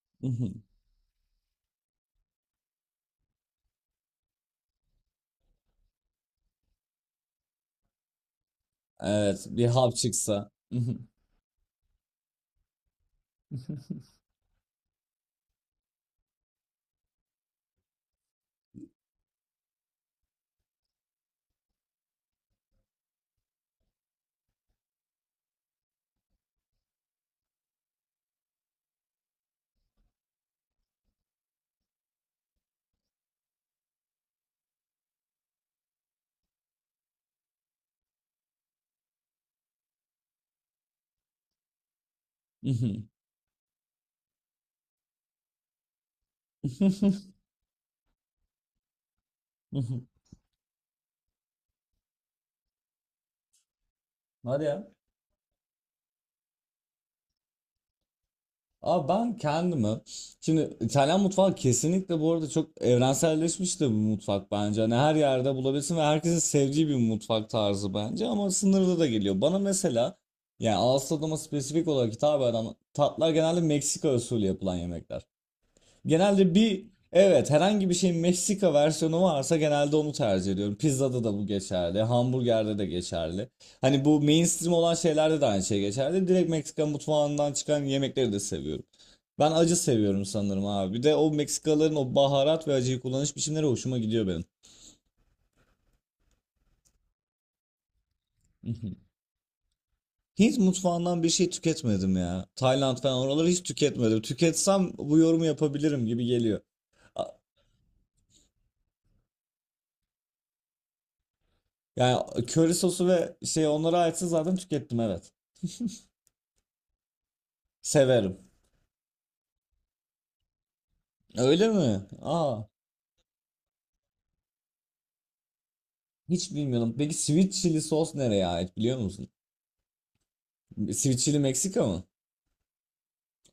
Mhm. Evet, bir hap çıksa. Mhm. Mhm. Mhm. Hadi ya. Abi ben kendimi şimdi İtalyan mutfağı kesinlikle bu arada çok evrenselleşmiş de bir mutfak bence. Hani her yerde bulabilirsin ve herkesin sevdiği bir mutfak tarzı bence ama sınırlı da geliyor. Bana mesela yani ağız tadıma spesifik olarak hitap eden tatlar genelde Meksika usulü yapılan yemekler. Genelde bir evet, herhangi bir şeyin Meksika versiyonu varsa genelde onu tercih ediyorum. Pizzada da bu geçerli, hamburgerde de geçerli. Hani bu mainstream olan şeylerde de aynı şey geçerli. Direkt Meksika mutfağından çıkan yemekleri de seviyorum. Ben acı seviyorum sanırım abi. Bir de o Meksikaların o baharat ve acıyı kullanış biçimleri hoşuma gidiyor benim. Hint mutfağından bir şey tüketmedim ya. Tayland falan oraları hiç tüketmedim. Tüketsem bu yorumu yapabilirim gibi geliyor. A- Yani köri sosu ve şey onlara aitse zaten tükettim, evet. Severim. Öyle mi? Aa, hiç bilmiyorum. Peki sweet chili sos nereye ait biliyor musun? Sweet chili Meksika mı?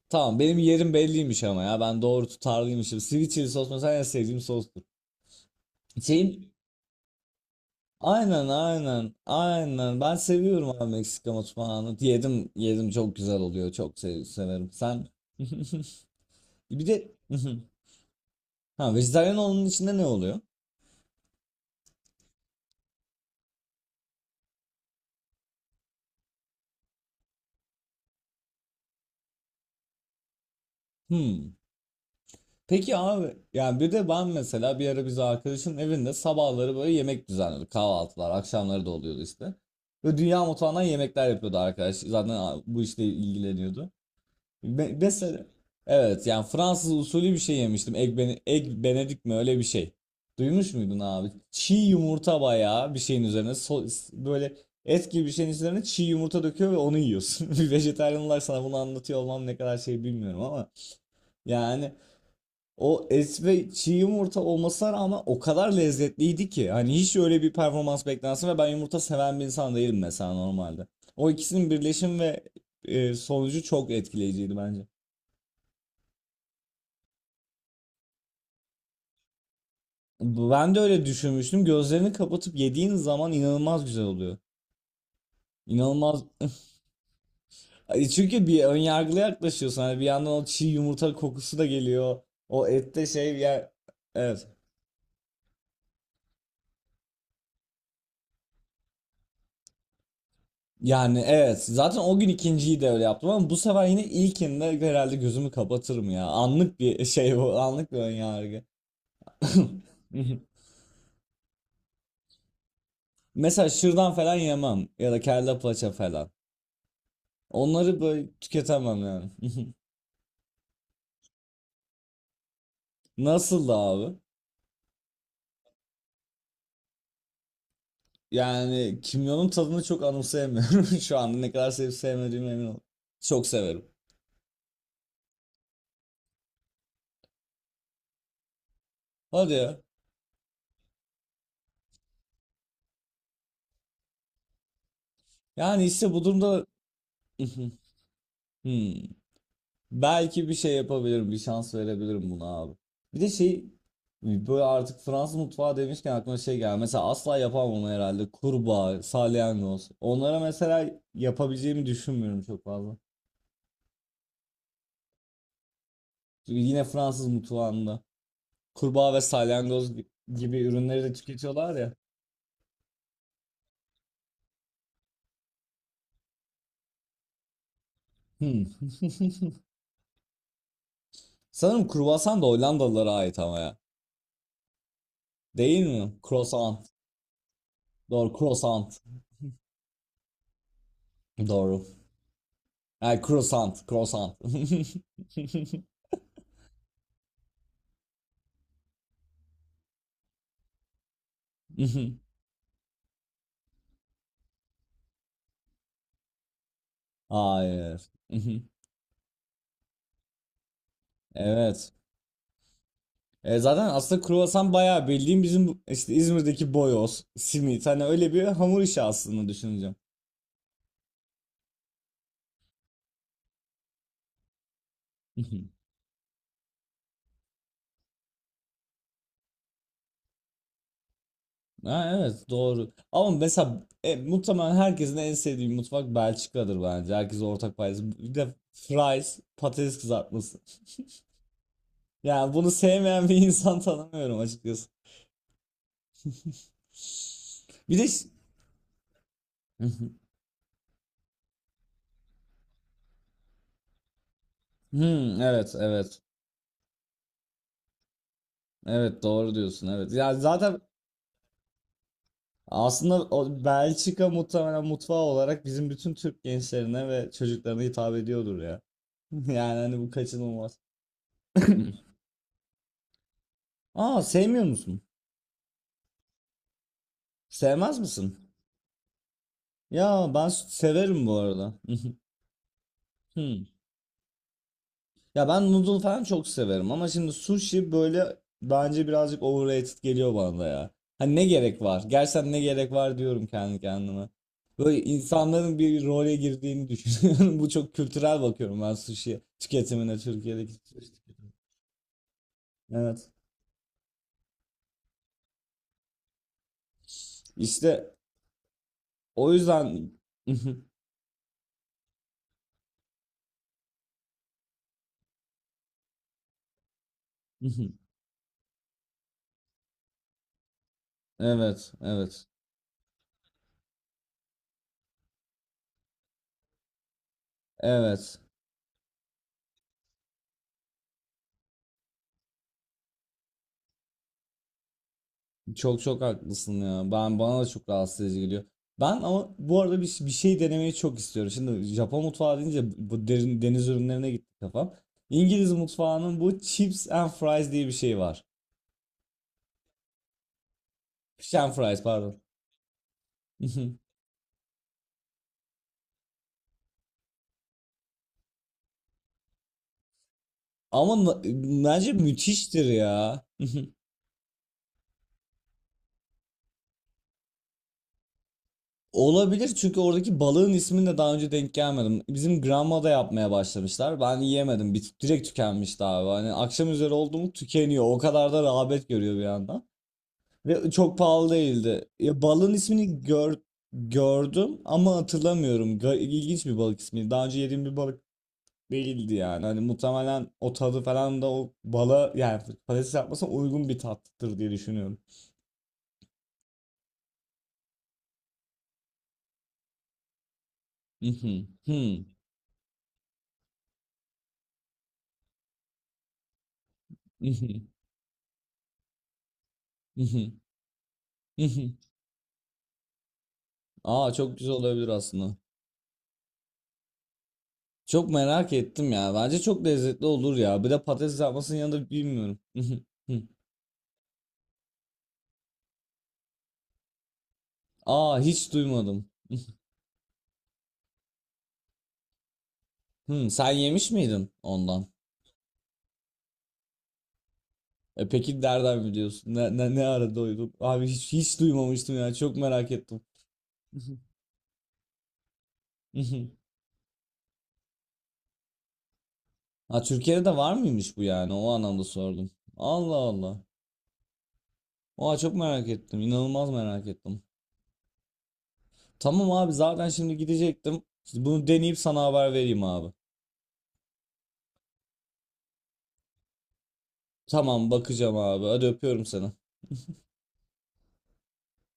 Tamam, benim yerim belliymiş ama ya ben doğru tutarlıymışım. Sweet chili sos mesela en sevdiğim sostur. Şeyim aynen, aynen, aynen, ben seviyorum abi Meksika mutfağını. Yedim, yedim, çok güzel oluyor, çok severim. Sen bir de ha, vejetaryen olanın içinde ne oluyor? Hmm. Peki abi, yani bir de ben mesela bir ara biz arkadaşın evinde sabahları böyle yemek düzenliyorduk. Kahvaltılar, akşamları da oluyordu işte. Ve dünya mutfağından yemekler yapıyordu arkadaş. Zaten bu işle ilgileniyordu. Mesela evet, yani Fransız usulü bir şey yemiştim. Egg, egg benedict mi öyle bir şey. Duymuş muydun abi? Çiğ yumurta bayağı bir şeyin üzerine böyle et gibi bir şeyin üzerine çiğ yumurta döküyor ve onu yiyorsun. Bir vejetaryen olarak sana bunu anlatıyor olmam ne kadar şey bilmiyorum ama yani o esve çiğ yumurta olmasına rağmen o kadar lezzetliydi ki. Hani hiç öyle bir performans beklensin ve ben yumurta seven bir insan değilim mesela normalde. O ikisinin birleşim ve sonucu çok etkileyiciydi bence. Ben de öyle düşünmüştüm. Gözlerini kapatıp yediğin zaman inanılmaz güzel oluyor. İnanılmaz. Ay, çünkü bir ön yargılı yaklaşıyorsun. Hani bir yandan o çiğ yumurta kokusu da geliyor. O ette şey ya, evet. Yani evet, zaten o gün ikinciyi de öyle yaptım ama bu sefer yine ilkinde herhalde gözümü kapatırım ya. Anlık bir şey bu, anlık bir önyargı. Mesela şırdan falan yemem ya da kelle paça falan. Onları böyle tüketemem yani. Nasıldı abi? Yani kimyonun tadını çok anımsayamıyorum şu anda, ne kadar sevip sevmediğime emin ol. Çok severim. Hadi ya. Yani işte bu durumda hmm. Belki bir şey yapabilirim, bir şans verebilirim buna abi. Bir de şey, böyle artık Fransız mutfağı demişken aklıma şey geldi. Mesela asla yapamam onu herhalde, kurbağa, salyangoz. Onlara mesela yapabileceğimi düşünmüyorum çok fazla. Çünkü yine Fransız mutfağında kurbağa ve salyangoz gibi ürünleri de tüketiyorlar ya. Hmm. Sanırım kruvasan da Hollandalılara ait ama ya. Değil mi? Croissant. Doğru, croissant. Doğru. Yani croissant, croissant. Hayır. Mhm. Evet. E, zaten aslında kruvasan bayağı bildiğim bizim işte İzmir'deki boyoz, simit, hani öyle bir hamur işi aslında, düşüneceğim. Mhm. Ha, evet, doğru. Ama mesela muhtemelen herkesin en sevdiği mutfak Belçika'dır bence. Herkes ortak paydası. Bir de fries, patates kızartması. Yani bunu sevmeyen bir insan tanımıyorum açıkçası. Bir de hmm, evet, evet. Evet, doğru diyorsun, evet. Ya zaten aslında o Belçika muhtemelen mutfağı olarak bizim bütün Türk gençlerine ve çocuklarına hitap ediyordur ya. Yani hani bu kaçınılmaz. Aa, sevmiyor musun? Sevmez misin? Ya ben severim bu arada. Hmm. Ya ben noodle falan çok severim ama şimdi sushi böyle, bence birazcık overrated geliyor bana da ya. Hani ne gerek var? Gerçekten ne gerek var diyorum kendi kendime. Böyle insanların bir role girdiğini düşünüyorum. Bu çok kültürel, bakıyorum ben sushi tüketimine Türkiye'deki. Sushi. Evet. İşte o yüzden evet, evet. Evet. Çok çok haklısın ya. Ben, bana da çok rahatsız edici geliyor. Ben ama bu arada bir şey denemeyi çok istiyorum. Şimdi Japon mutfağı deyince bu derin, deniz ürünlerine gitti kafam. İngiliz mutfağının bu chips and fries diye bir şey var. Fish and fries, pardon. Ama bence müthiştir ya. Olabilir, çünkü oradaki balığın ismini de daha önce denk gelmedim. Bizim Granma'da yapmaya başlamışlar. Ben yiyemedim. Bir, direkt tükenmişti abi. Hani akşam üzeri oldu mu tükeniyor. O kadar da rağbet görüyor bir yandan. Ve çok pahalı değildi. Ya, balığın ismini gördüm ama hatırlamıyorum. İlginç bir balık ismi. Daha önce yediğim bir balık değildi yani. Hani muhtemelen o tadı falan da o bala, yani patates yapmasına uygun bir tattır diye düşünüyorum. Mhm, hmm, mhm, mhm, mhm. Aa, çok güzel olabilir aslında. Çok merak ettim ya. Bence çok lezzetli olur ya. Bir de patates yapmasının yanında bilmiyorum. Aa, hiç duymadım. Hmm, sen yemiş miydin ondan? E peki nereden biliyorsun? Ne ara duydun? Abi hiç duymamıştım ya. Çok merak ettim. Ha, Türkiye'de de var mıymış bu yani? O anlamda sordum. Allah Allah. Oha, çok merak ettim. İnanılmaz merak ettim. Tamam abi, zaten şimdi gidecektim. Bunu deneyip sana haber vereyim abi. Tamam, bakacağım abi. Hadi, öpüyorum seni.